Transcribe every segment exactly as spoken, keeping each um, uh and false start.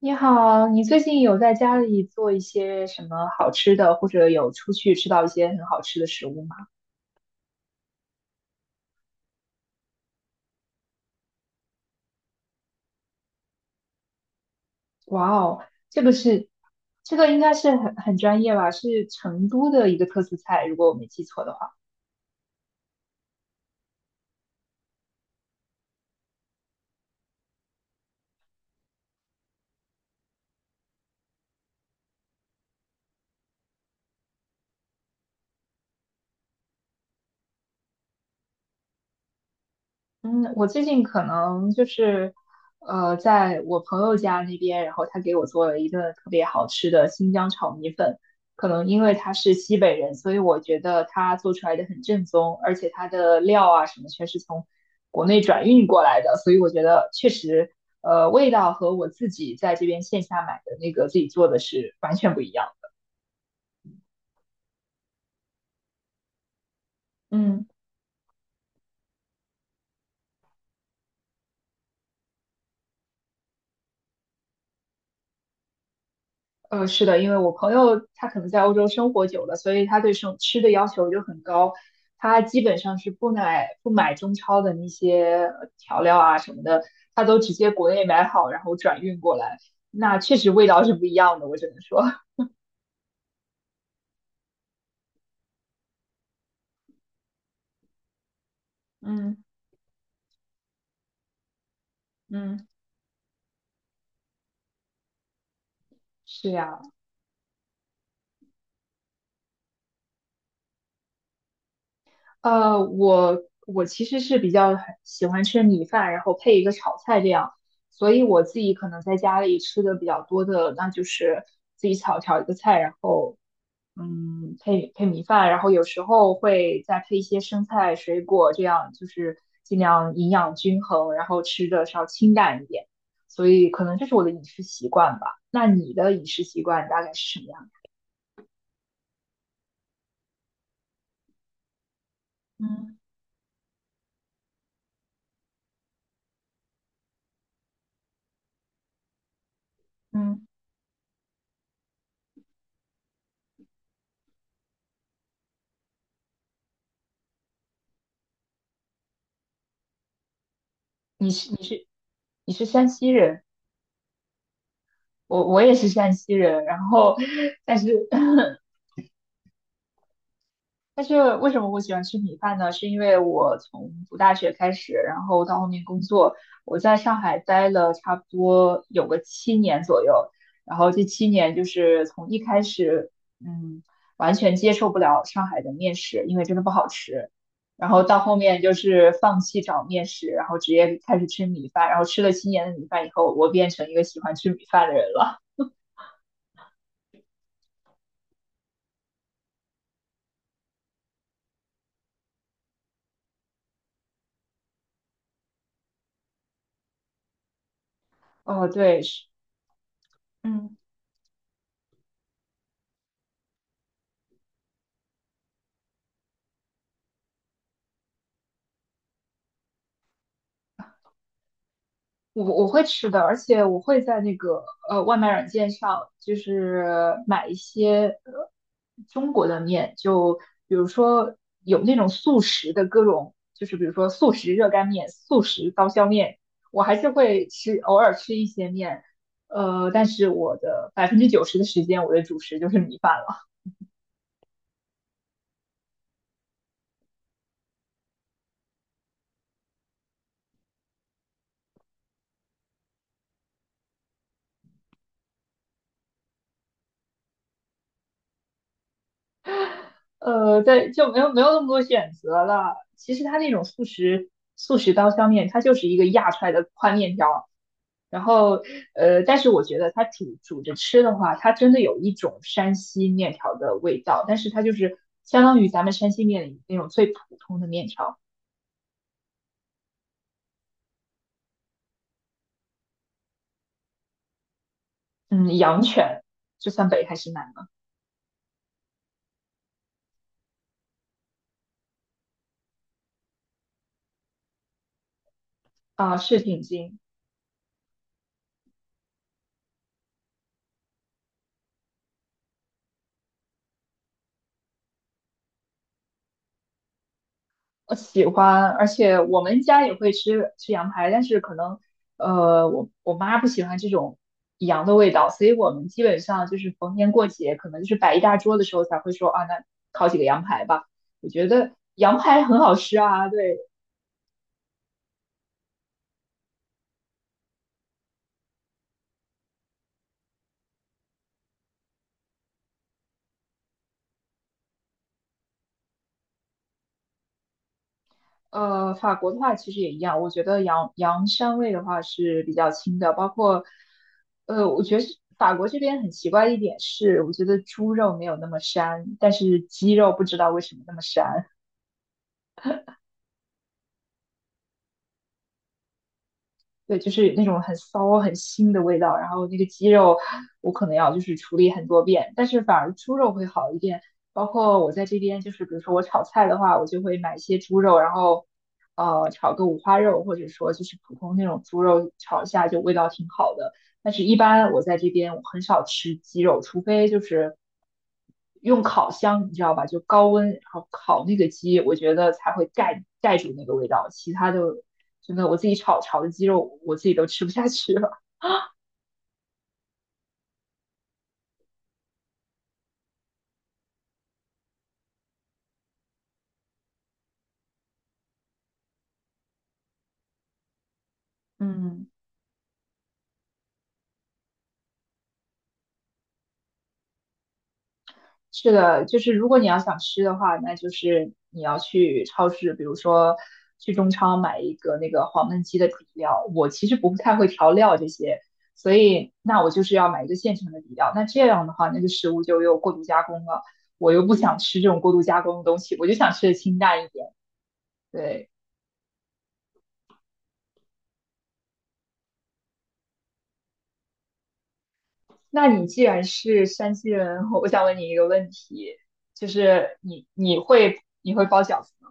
你好，你最近有在家里做一些什么好吃的，或者有出去吃到一些很好吃的食物吗？哇哦，这个是，这个应该是很很专业吧，是成都的一个特色菜，如果我没记错的话。嗯，我最近可能就是，呃，在我朋友家那边，然后他给我做了一顿特别好吃的新疆炒米粉。可能因为他是西北人，所以我觉得他做出来的很正宗，而且他的料啊什么全是从国内转运过来的，所以我觉得确实，呃，味道和我自己在这边线下买的那个自己做的是完全不一样。嗯。呃，是的，因为我朋友他可能在欧洲生活久了，所以他对生吃的要求就很高，他基本上是不买不买中超的那些呃调料啊什么的，他都直接国内买好，然后转运过来。那确实味道是不一样的，我只能说 嗯嗯，是呀。呃，我我其实是比较喜欢吃米饭，然后配一个炒菜这样，所以我自己可能在家里吃的比较多的，那就是自己炒炒一个菜，然后嗯配配米饭，然后有时候会再配一些生菜、水果，这样就是尽量营养均衡，然后吃的稍清淡一点，所以可能这是我的饮食习惯吧。那你的饮食习惯大概是什么样的？嗯嗯，你是你是你是山西人？我我也是山西人，然后但是 但是为什么我喜欢吃米饭呢？是因为我从读大学开始，然后到后面工作，我在上海待了差不多有个七年左右，然后这七年就是从一开始，嗯，完全接受不了上海的面食，因为真的不好吃，然后到后面就是放弃找面食，然后直接开始吃米饭，然后吃了七年的米饭以后，我变成一个喜欢吃米饭的人了。哦，对，是，嗯。我我会吃的，而且我会在那个呃外卖软件上，就是买一些呃中国的面，就比如说有那种速食的各种，就是比如说速食热干面、速食刀削面，我还是会吃，偶尔吃一些面，呃，但是我的百分之九十的时间，我的主食就是米饭了。呃，对，就没有没有那么多选择了。其实它那种速食速食刀削面，它就是一个压出来的宽面条。然后，呃，但是我觉得它煮煮着吃的话，它真的有一种山西面条的味道，但是它就是相当于咱们山西面里那种最普通的面条。嗯，阳泉，这算北还是南呢？啊，是挺近。我喜欢，而且我们家也会吃吃羊排，但是可能呃，我我妈不喜欢这种羊的味道，所以我们基本上就是逢年过节，可能就是摆一大桌的时候才会说啊，那烤几个羊排吧。我觉得羊排很好吃啊，对，呃，法国的话其实也一样，我觉得羊羊膻味的话是比较轻的，包括呃，我觉得是法国这边很奇怪的一点是，我觉得猪肉没有那么膻，但是鸡肉不知道为什么那么膻。对，就是那种很骚、很腥的味道。然后那个鸡肉，我可能要就是处理很多遍，但是反而猪肉会好一点。包括我在这边，就是比如说我炒菜的话，我就会买一些猪肉，然后呃炒个五花肉，或者说就是普通那种猪肉炒一下，就味道挺好的。但是，一般我在这边我很少吃鸡肉，除非就是用烤箱，你知道吧？就高温然后烤那个鸡，我觉得才会盖盖住那个味道，其他的真的我自己炒炒的鸡肉我自己都吃不下去了。嗯是的，就是如果你要想吃的话，那就是你要去超市，比如说去中超买一个那个黄焖鸡的底料。我其实不太会调料这些，所以那我就是要买一个现成的底料。那这样的话，那个食物就又过度加工了。我又不想吃这种过度加工的东西，我就想吃的清淡一点。对，那你既然是山西人，我想问你一个问题，就是你你会你会包饺子吗？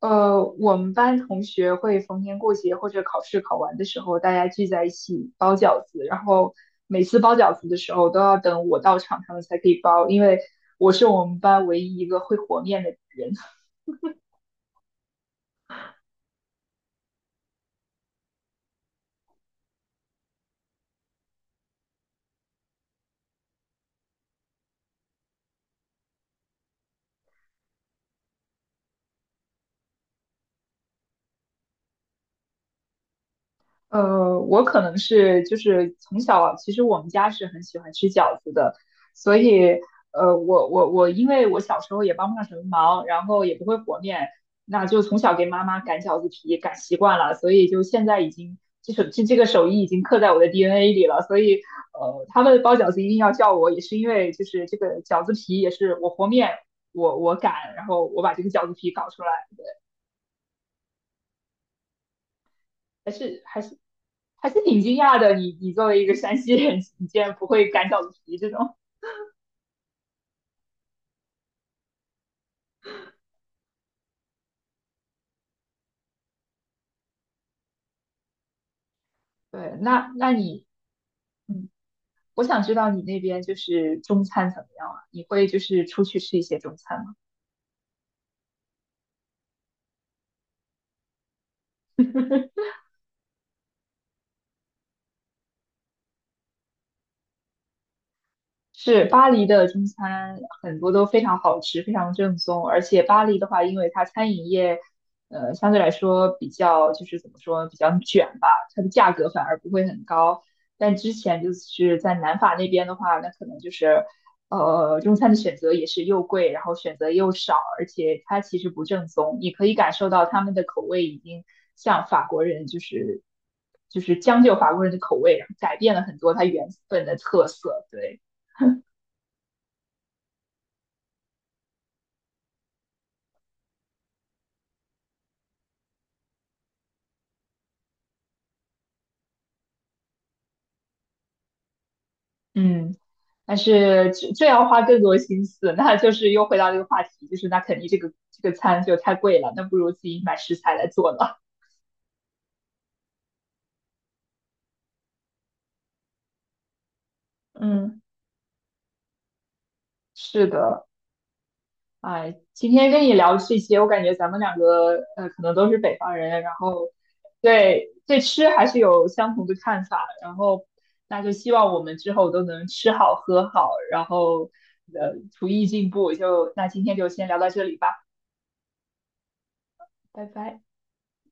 呃，我们班同学会逢年过节或者考试考完的时候，大家聚在一起包饺子，然后每次包饺子的时候都要等我到场，他们才可以包，因为我是我们班唯一一个会和面的人。呃，我可能是就是从小，其实我们家是很喜欢吃饺子的，所以呃，我我我，因为我小时候也帮不上什么忙，然后也不会和面，那就从小给妈妈擀饺子皮擀习惯了，所以就现在已经这手这这个手艺已经刻在我的 D N A 里了，所以呃，他们包饺子一定要叫我，也是因为就是这个饺子皮也是我和面我我擀，然后我把这个饺子皮搞出来，还是还是还是挺惊讶的。你你作为一个山西人，你竟然不会擀饺子皮这种。对，那那你，嗯，我想知道你那边就是中餐怎么样啊？你会就是出去吃一些中餐吗？是巴黎的中餐很多都非常好吃，非常正宗。而且巴黎的话，因为它餐饮业，呃，相对来说比较就是怎么说，比较卷吧，它的价格反而不会很高。但之前就是在南法那边的话，那可能就是，呃，中餐的选择也是又贵，然后选择又少，而且它其实不正宗。你可以感受到他们的口味已经像法国人，就是就是将就法国人的口味，然后改变了很多它原本的特色。对。嗯，但是这这要花更多心思，那就是又回到这个话题，就是那肯定这个这个餐就太贵了，那不如自己买食材来做呢。嗯 是的，哎，今天跟你聊这些，我感觉咱们两个呃可能都是北方人，然后对对吃还是有相同的看法，然后那就希望我们之后都能吃好喝好，然后呃厨艺进步，就那今天就先聊到这里吧，拜拜。